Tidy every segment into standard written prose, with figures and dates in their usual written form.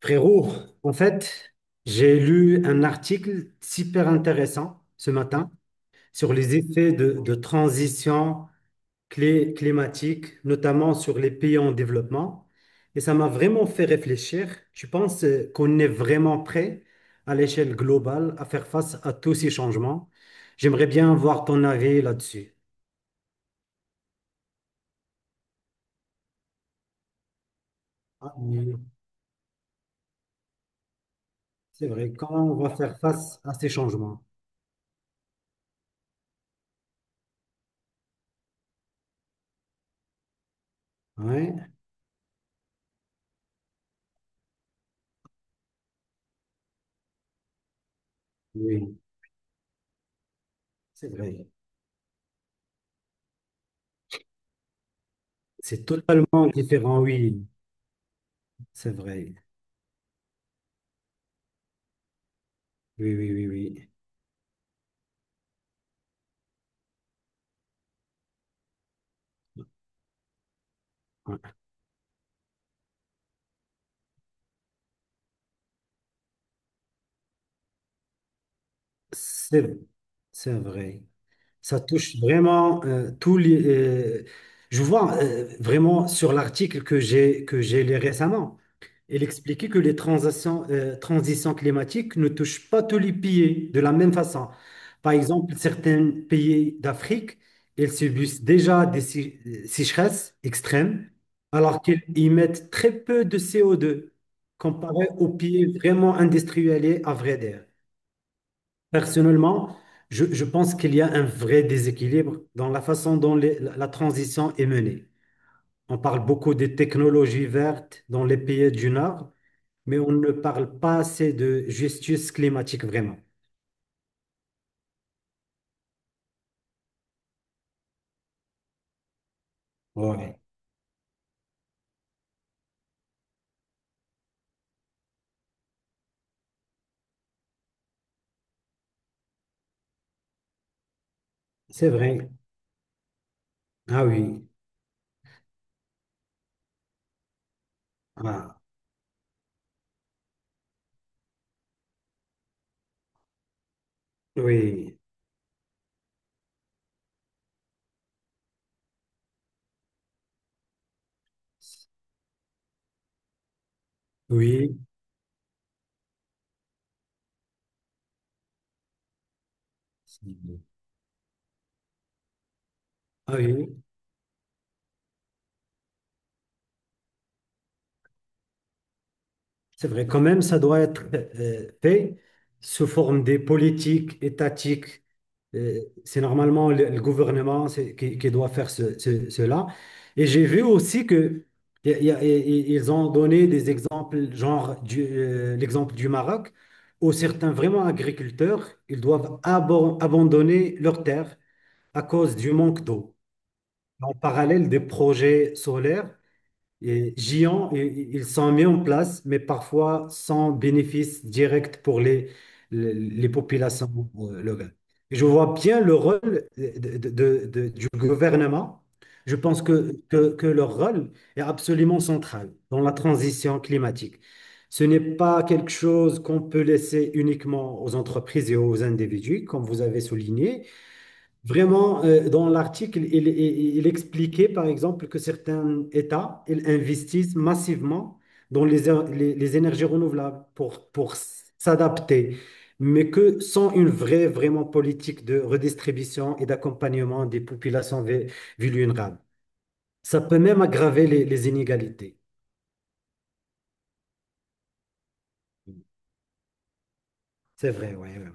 Frérot, en fait, j'ai lu un article super intéressant ce matin sur les effets de transition climatique, notamment sur les pays en développement. Et ça m'a vraiment fait réfléchir. Je pense qu'on est vraiment prêt à l'échelle globale à faire face à tous ces changements. J'aimerais bien voir ton avis là-dessus. Ah oui, c'est vrai. Comment on va faire face à ces changements? Ouais, oui, c'est vrai. C'est totalement différent, oui. C'est vrai. Oui, oui, oui, oui. Ouais. C'est, c'est vrai. Ça touche vraiment tous les. Je vois vraiment sur l'article que j'ai lu récemment. Il expliquait que les transitions climatiques ne touchent pas tous les pays de la même façon. Par exemple, certains pays d'Afrique, ils subissent déjà des sécheresses extrêmes, alors qu'ils émettent très peu de CO2 comparé aux pays vraiment industrialisés, à vrai dire. Personnellement, je pense qu'il y a un vrai déséquilibre dans la façon dont la transition est menée. On parle beaucoup des technologies vertes dans les pays du Nord, mais on ne parle pas assez de justice climatique vraiment. Ouais, c'est vrai. Ah oui. Ah, oui. Oui. Ah oui. C'est vrai, quand même, ça doit être fait sous forme des politiques étatiques. C'est normalement le gouvernement qui doit faire cela. Et j'ai vu aussi que y a- y a- y- y- ils ont donné des exemples, genre l'exemple du Maroc, où certains vraiment agriculteurs, ils doivent abandonner leurs terres à cause du manque d'eau. En parallèle des projets solaires et Gion, ils sont mis en place, mais parfois sans bénéfice direct pour les populations locales. Je vois bien le rôle du gouvernement. Je pense que leur rôle est absolument central dans la transition climatique. Ce n'est pas quelque chose qu'on peut laisser uniquement aux entreprises et aux individus, comme vous avez souligné. Vraiment, dans l'article, il expliquait par exemple que certains États ils investissent massivement dans les énergies renouvelables pour s'adapter, mais que sans une vraiment politique de redistribution et d'accompagnement des populations vulnérables. Ça peut même aggraver les inégalités. C'est vrai, oui. Ouais,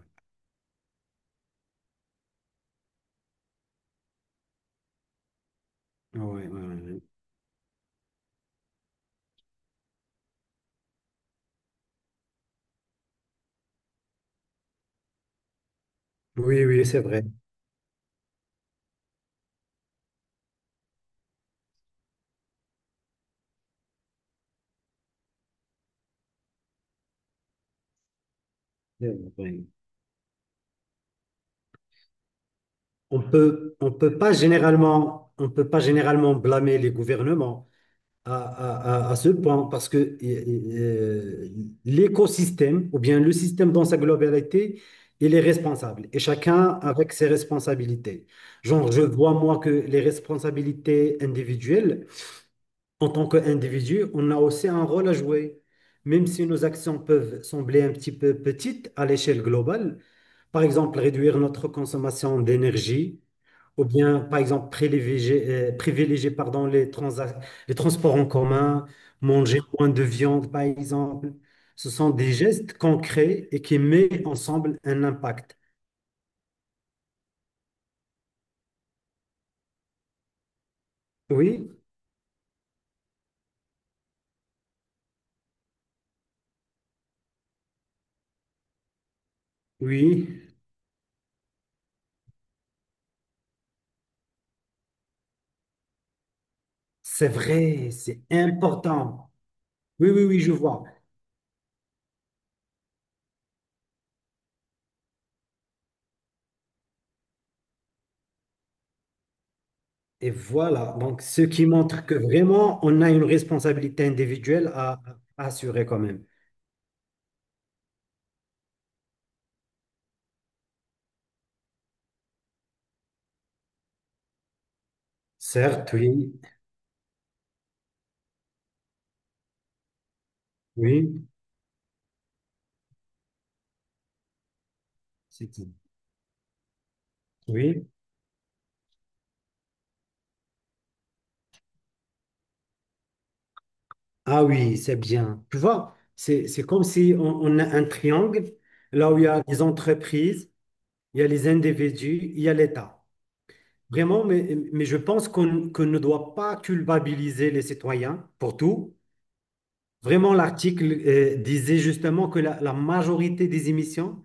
ouais, ouais, ouais, ouais. Oui, oui, c'est vrai. C'est vrai. On peut pas généralement blâmer les gouvernements à ce point parce que l'écosystème, ou bien le système dans sa globalité, il est responsable et chacun avec ses responsabilités. Genre, je vois moi que les responsabilités individuelles, en tant qu'individu, on a aussi un rôle à jouer. Même si nos actions peuvent sembler un petit peu petites à l'échelle globale, par exemple réduire notre consommation d'énergie, ou bien par exemple privilégier, pardon, les transports en commun, manger moins de viande par exemple, ce sont des gestes concrets et qui mettent ensemble un impact. Oui, oui, c'est vrai, c'est important. Oui, oui, oui, je vois. Et voilà, donc ce qui montre que vraiment, on a une responsabilité individuelle à assurer quand même. Certes, oui, oui, c'est tout. Oui. Ah oui, c'est bien. Tu vois, c'est comme si on a un triangle, là où il y a les entreprises, il y a les individus, il y a l'État. Vraiment, mais je pense qu'on ne doit pas culpabiliser les citoyens pour tout. Vraiment, l'article disait justement que la majorité des émissions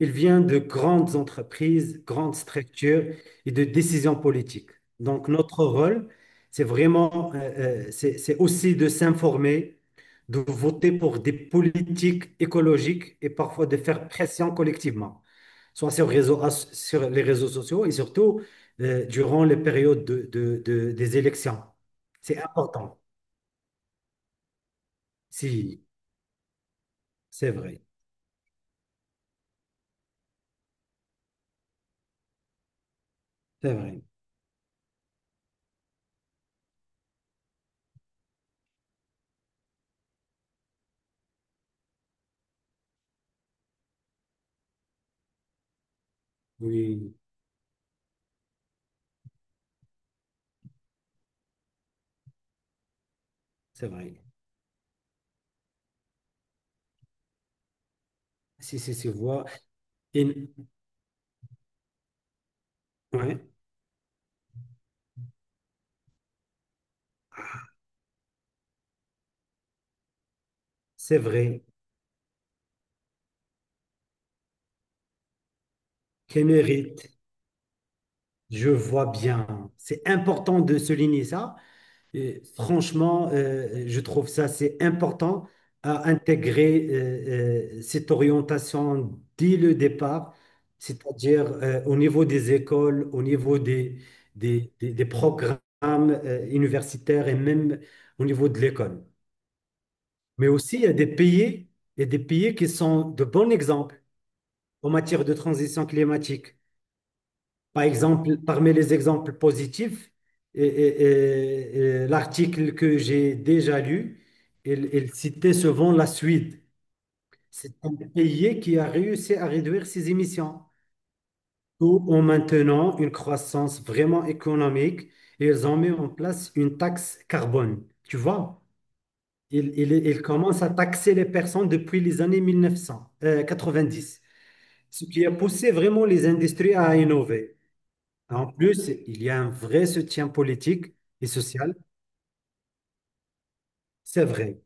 il vient de grandes entreprises, grandes structures et de décisions politiques. Donc, notre rôle, c'est vraiment, c'est aussi de s'informer, de voter pour des politiques écologiques et parfois de faire pression collectivement, soit sur les réseaux sociaux et surtout durant les périodes des élections. C'est important. Si, c'est vrai. C'est vrai. Oui, c'est vrai. Si, si, si, voit. Et- ouais, c'est vrai. Quel mérite, je vois bien. C'est important de souligner ça. Et franchement, je trouve ça, c'est important à intégrer cette orientation dès le départ, c'est-à-dire au niveau des écoles, au niveau des programmes universitaires et même au niveau de l'école. Mais aussi, il y a des pays qui sont de bons exemples en matière de transition climatique. Par exemple, parmi les exemples positifs, et- et- et- et l'article que j'ai déjà lu, il citait souvent la Suède. C'est un pays qui a réussi à réduire ses émissions, tout en maintenant une croissance vraiment économique. Et ils ont mis en place une taxe carbone. Tu vois, ils il à taxer les personnes depuis les années 1990, ce qui a poussé vraiment les industries à innover. En plus, il y a un vrai soutien politique et social, c'est vrai.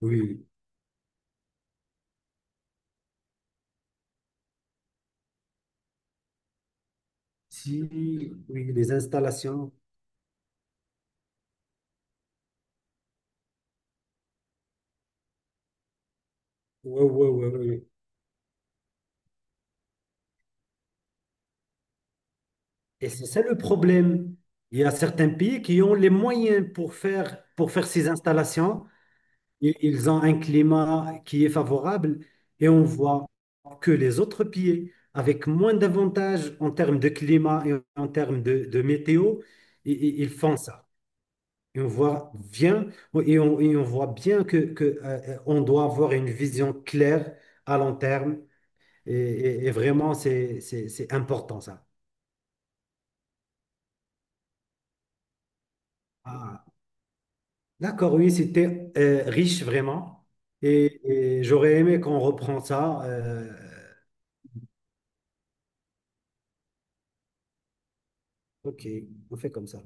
Oui, oui. Si oui, les installations, oui, oui, oui, oui. Et c'est ça le problème. Il y a certains pays qui ont les moyens pour faire ces installations. Ils ont un climat qui est favorable et on voit que les autres pays, avec moins d'avantages en termes de climat et en termes de météo, ils font ça. Et on voit bien, et on voit bien on doit avoir une vision claire à long terme. Et vraiment, c'est important ça. Ah, d'accord, oui, c'était riche vraiment. Et j'aurais aimé qu'on reprend ça. Ok, on fait comme ça.